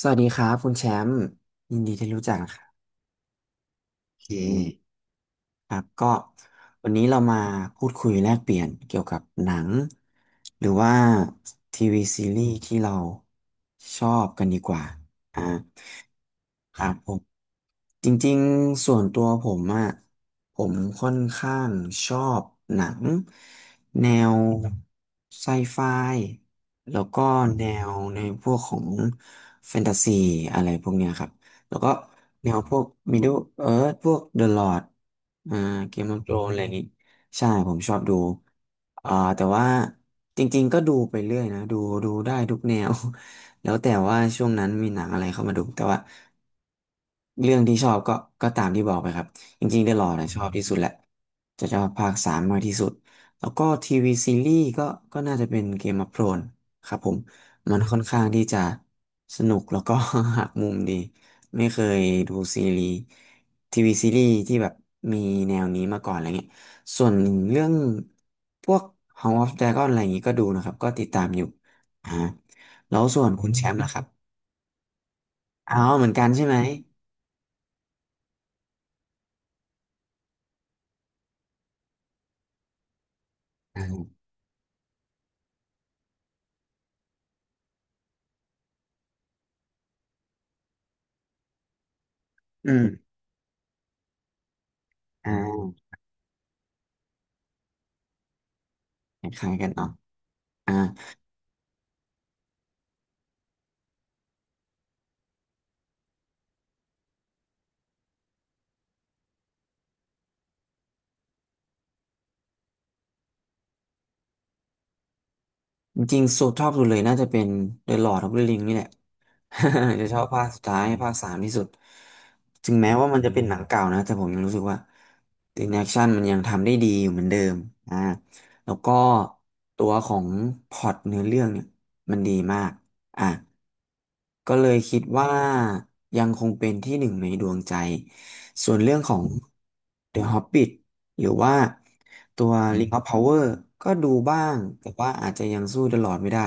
สวัสดีครับคุณแชมป์ยินดีที่รู้จักนะครับโอเคครับก็วันนี้เรามาพูดคุยแลกเปลี่ยนเกี่ยวกับหนังหรือว่าทีวีซีรีส์ที่เราชอบกันดีกว่าอ่าครับผม จริงๆส่วนตัวผมอะผมค่อนข้างชอบหนังแนวไซไฟแล้วก็แนวในพวกของแฟนตาซีอะไรพวกเนี้ยครับแล้วก็แนวพวก Middle Earth พวก The Lord อ่า Game of Thrones อะไรอย่างงี้ใช่ผมชอบดูอ่าแต่ว่าจริงๆก็ดูไปเรื่อยนะดูได้ทุกแนว แล้วแต่ว่าช่วงนั้นมีหนังอะไรเข้ามาดูแต่ว่าเรื่องที่ชอบก็ตามที่บอกไปครับจริงๆ The Lord นะชอบที่สุดแหละจะชอบภาคสามมากที่สุดแล้วก็ทีวีซีรีส์ก็น่าจะเป็นเกม of อ h โ o รนครับผมมันค่อนข้างที่จะสนุกแล้วก็ หักมุมดีไม่เคยดูซีรีส์ทีวีซีรีส์ที่แบบมีแนวนี้มาก่อนอะไรเงี้ยส่วนเรื่องพวก House of Dragon อะไรอย่างงี้ก็ดูนะครับก็ติดตามอยู่อ่า แล้วส่วนคุณแชมป์ล่ะครับอ๋อเหมือนกันใช่ไหมอ่าอืม อ่าคล้ายๆกันเนาะอ่าจริงๆสุดชอบสุดเลยน่าจะเป็น The Lord of the Ring นี่แหละ จะชอบภาคสุดท้ายภาคสามที่สุดถึงแม้ว่ามันจะเป็นหนังเก่านะแต่ผมยังรู้สึกว่าถึงแอคชั่นมันยังทำได้ดีอยู่เหมือนเดิมอ่าแล้วก็ตัวของพล็อตเนื้อเรื่องเนี่ยมันดีมากอ่ะก็เลยคิดว่ายังคงเป็นที่หนึ่งในดวงใจส่วนเรื่องของ The Hobbit หรือว่าตัว Ring of Power ก็ดูบ้างแต่ว่าอาจจะยังสู้ The Lord ไม่ได้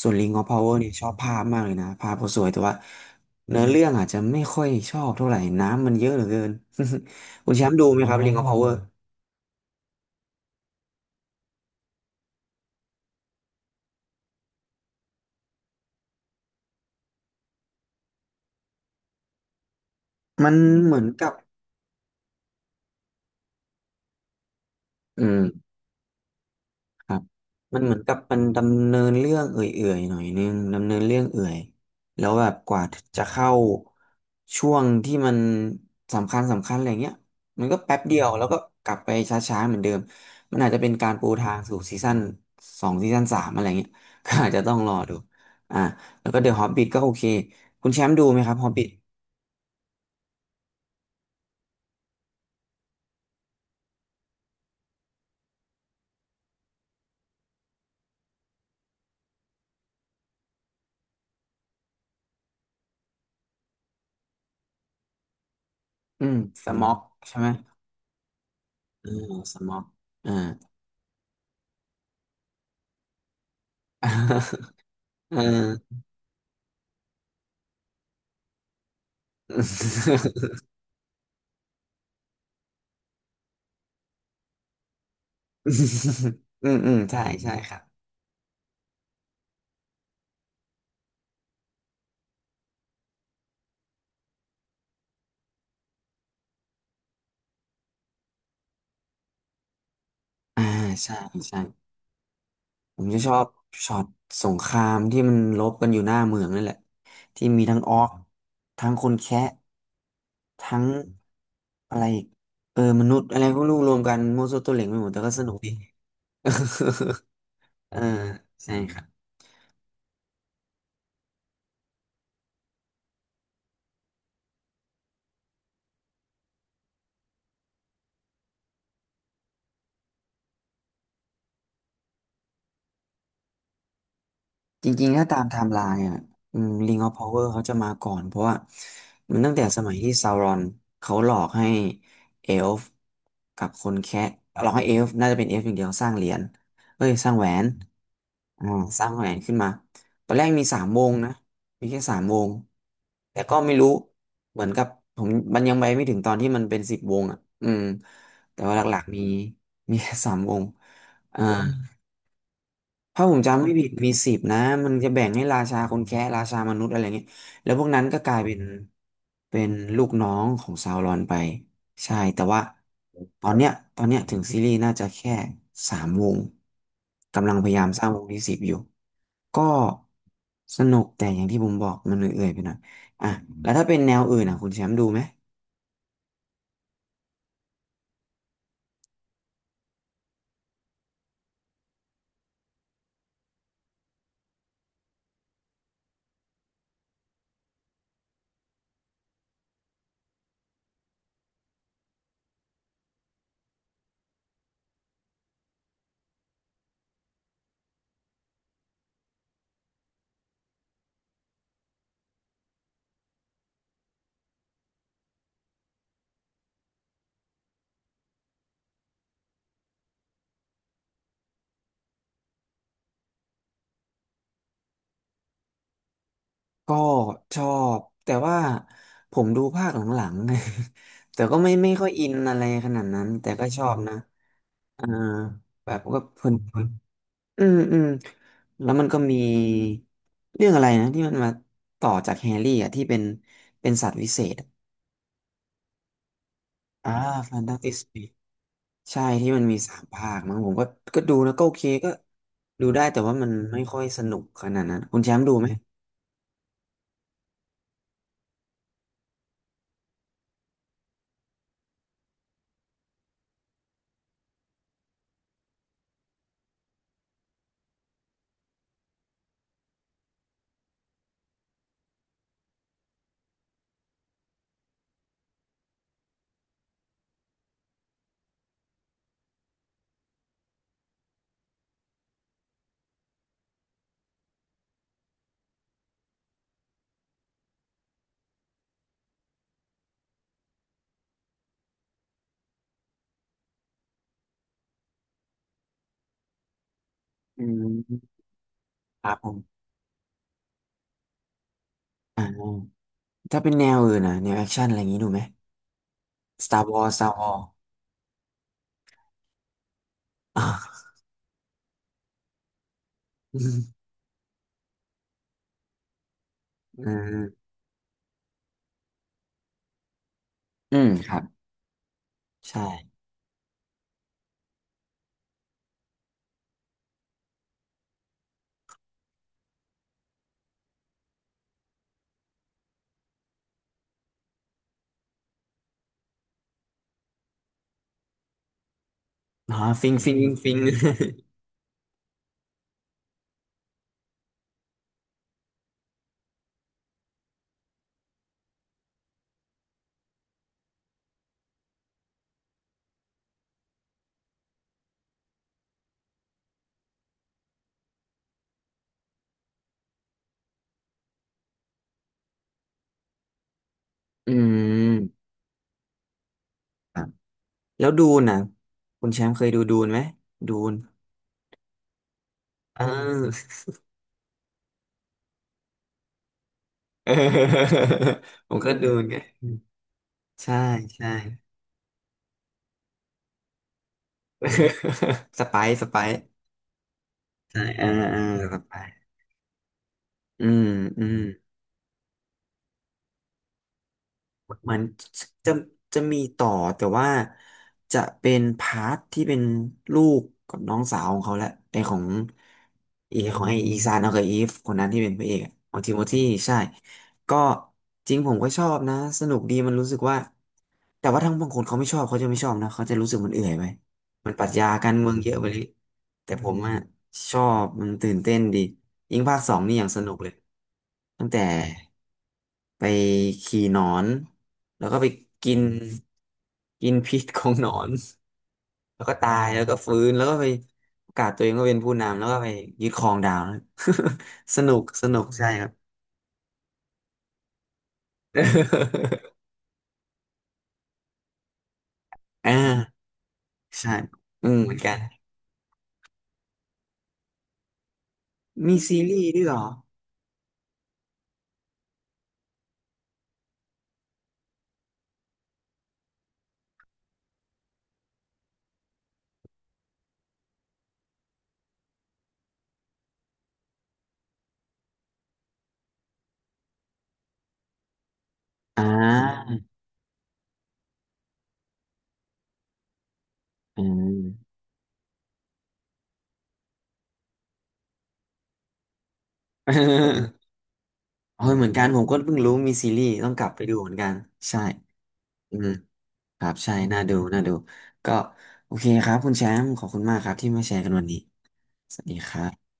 ส่วน Ring of Power เนี่ยชอบภาพมากเลยนะภาพก็าสวยแต่ว่าเนื้อเรื่องอาจจะไม่ค่อยชอบเท่าไหร่น้ำมันเยอะเหลือเกิน คุณแชมป์ดูไหมอ๋อคอรับ Ring of Power มันเหมือนกับอืม ครับมันเหมือนกับมันดำเนินเรื่องเอื่อยๆหน่อยนึงดำเนินเรื่องเอื่อยแล้วแบบกว่าจะเข้าช่วงที่มันสำคัญอะไรเงี้ยมันก็แป๊บเดียวแล้วก็กลับไปช้าๆเหมือนเดิมมันอาจจะเป็นการปูทางสู่ซีซั่นสองซีซั่นสามอะไรเงี้ย ก็อาจจะต้องรอดูอ่าแล้วก็เดอะฮอบบิทก็โอเคคุณแชมป์ดูไหมครับฮอบบิทอืมสม็อกใช่ไหมอืมสม็อกอ่า เออ อืมอืมอืมใช่ใช่ครับอ่าใช่ใช่ผมจะชอบช็อตสงครามที่มันรบกันอยู่หน้าเมืองนั่นแหละที่มีทั้งออกทั้งคนแคะทั้งอะไรอีกเออมนุษย์อะไรก็ไม่รู้รวมกันมั่วซั่วตัวเหล็งไปหมดแต่ก็สนุกดี เออใช่ครับ จริงๆ ถ้าตามไทม์ไลน์อ่ะอืม Ring of Power เขาจะมาก่อนเพราะว่ามันตั้งแต่สมัยที่ซาวรอนเขาหลอกให้เอลฟ์กับคนแคะหลอกให้เอลฟ์น่าจะเป็นเอลฟ์อย่างเดียวสร้างเหรียญเอ้ยสร้างแหวนอ่าสร้างแหวนขึ้นมาตอนแรกมีสามวงนะมีแค่สามวงแต่ก็ไม่รู้เหมือนกับผมมันยังไปไม่ถึงตอนที่มันเป็นสิบวงอ่ะอืมแต่ว่าหลักๆมีแค่สามวงอ่า ถ้าผมจำไม่ผิดมีสิบนะมันจะแบ่งให้ราชาคนแคะราชามนุษย์อะไรเงี้ยแล้วพวกนั้นก็กลายเป็นเป็นลูกน้องของซาวรอนไปใช่แต่ว่าตอนเนี้ยตอนเนี้ยถึงซีรีส์น่าจะแค่สามวงกำลังพยายามสร้างวงที่สิบอยู่ก็สนุกแต่อย่างที่ผมบอกมันเอื่อยๆไปหน่อยอ่ะแล้วถ้าเป็นแนวอื่นอ่ะคุณแชมป์ดูไหมก็ชอบแต่ว่าผมดูภาคหลังๆ แต่ก็ไม่ค่อยอินอะไรขนาดนั้นแต่ก็ชอบนะ อ่าแบบก็เพลินเพลินอืมอืมแล้วมันก็มีเรื่องอะไรนะที่มันมาต่อจากแฮร์รี่อ่ะที่เป็นสัตว์วิเศษอะอ่าแฟนตาสติกใช่ที่มันมีสามภาคมั้งผมก็ดูนะก็โอเคก็ดูได้แต่ว่ามันไม่ค่อยสนุกขนาดนั้นคุณแชมป์ดูไหมอืมครับผมอ่าถ้าเป็นแนวอื่นนะแนวแอคชั่นอะไรอย่างนี้ดูไหม Star Wars อ่าอืมอืมครับใช่อ๋อฟิงฟิงฟิง อืมครับแล้วดูนนะคุณแชมป์เคยดูนไหมดูนเอ้เออ ผมก็ดูนไงใช่ใช่ สไปซ์ใช่อ่าสไปซ์อืมอืม เหมือนจะจะมีต่อแต่ว่าจะเป็นพาร์ทที่เป็นลูกกับน้องสาวของเขาแหละไอของไออีซานเอากับอีฟคนนั้นที่เป็นพระเอกอะของทิโมธีใช่ก็จริงผมก็ชอบนะสนุกดีมันรู้สึกว่าแต่ว่าทั้งบางคนเขาไม่ชอบเขาจะไม่ชอบนะเขาจะรู้สึกมันเอื่อยไปมันปรัชญาการเมืองเยอะไปเลยแต่ผมอะชอบมันตื่นเต้นดียิ่งภาคสองนี่อย่างสนุกเลยตั้งแต่ ไปขี่หนอนแล้วก็ไปกินกินพิษของหนอนแล้วก็ตายแล้วก็ฟื้นแล้วก็ไปประกาศตัวเองว่าเป็นผู้นำแล้วก็ไปยึดครองดาวนะ สนุกใช่ครับ อ่าใช่อืมเหมือนกันมีซีรีส์ด้วยเหรออ่าอืม เฮ้ อเหมือนกันผมก็เพิ่งรู้มีซีรีส์ต้องกลับไปดูเหมือนกันใช่อืม ครับใช่น่าดูก็โอเคครับคุณแชมป์ขอบคุณมากครับที่มาแชร์กันวันนี้สวัสดีครับ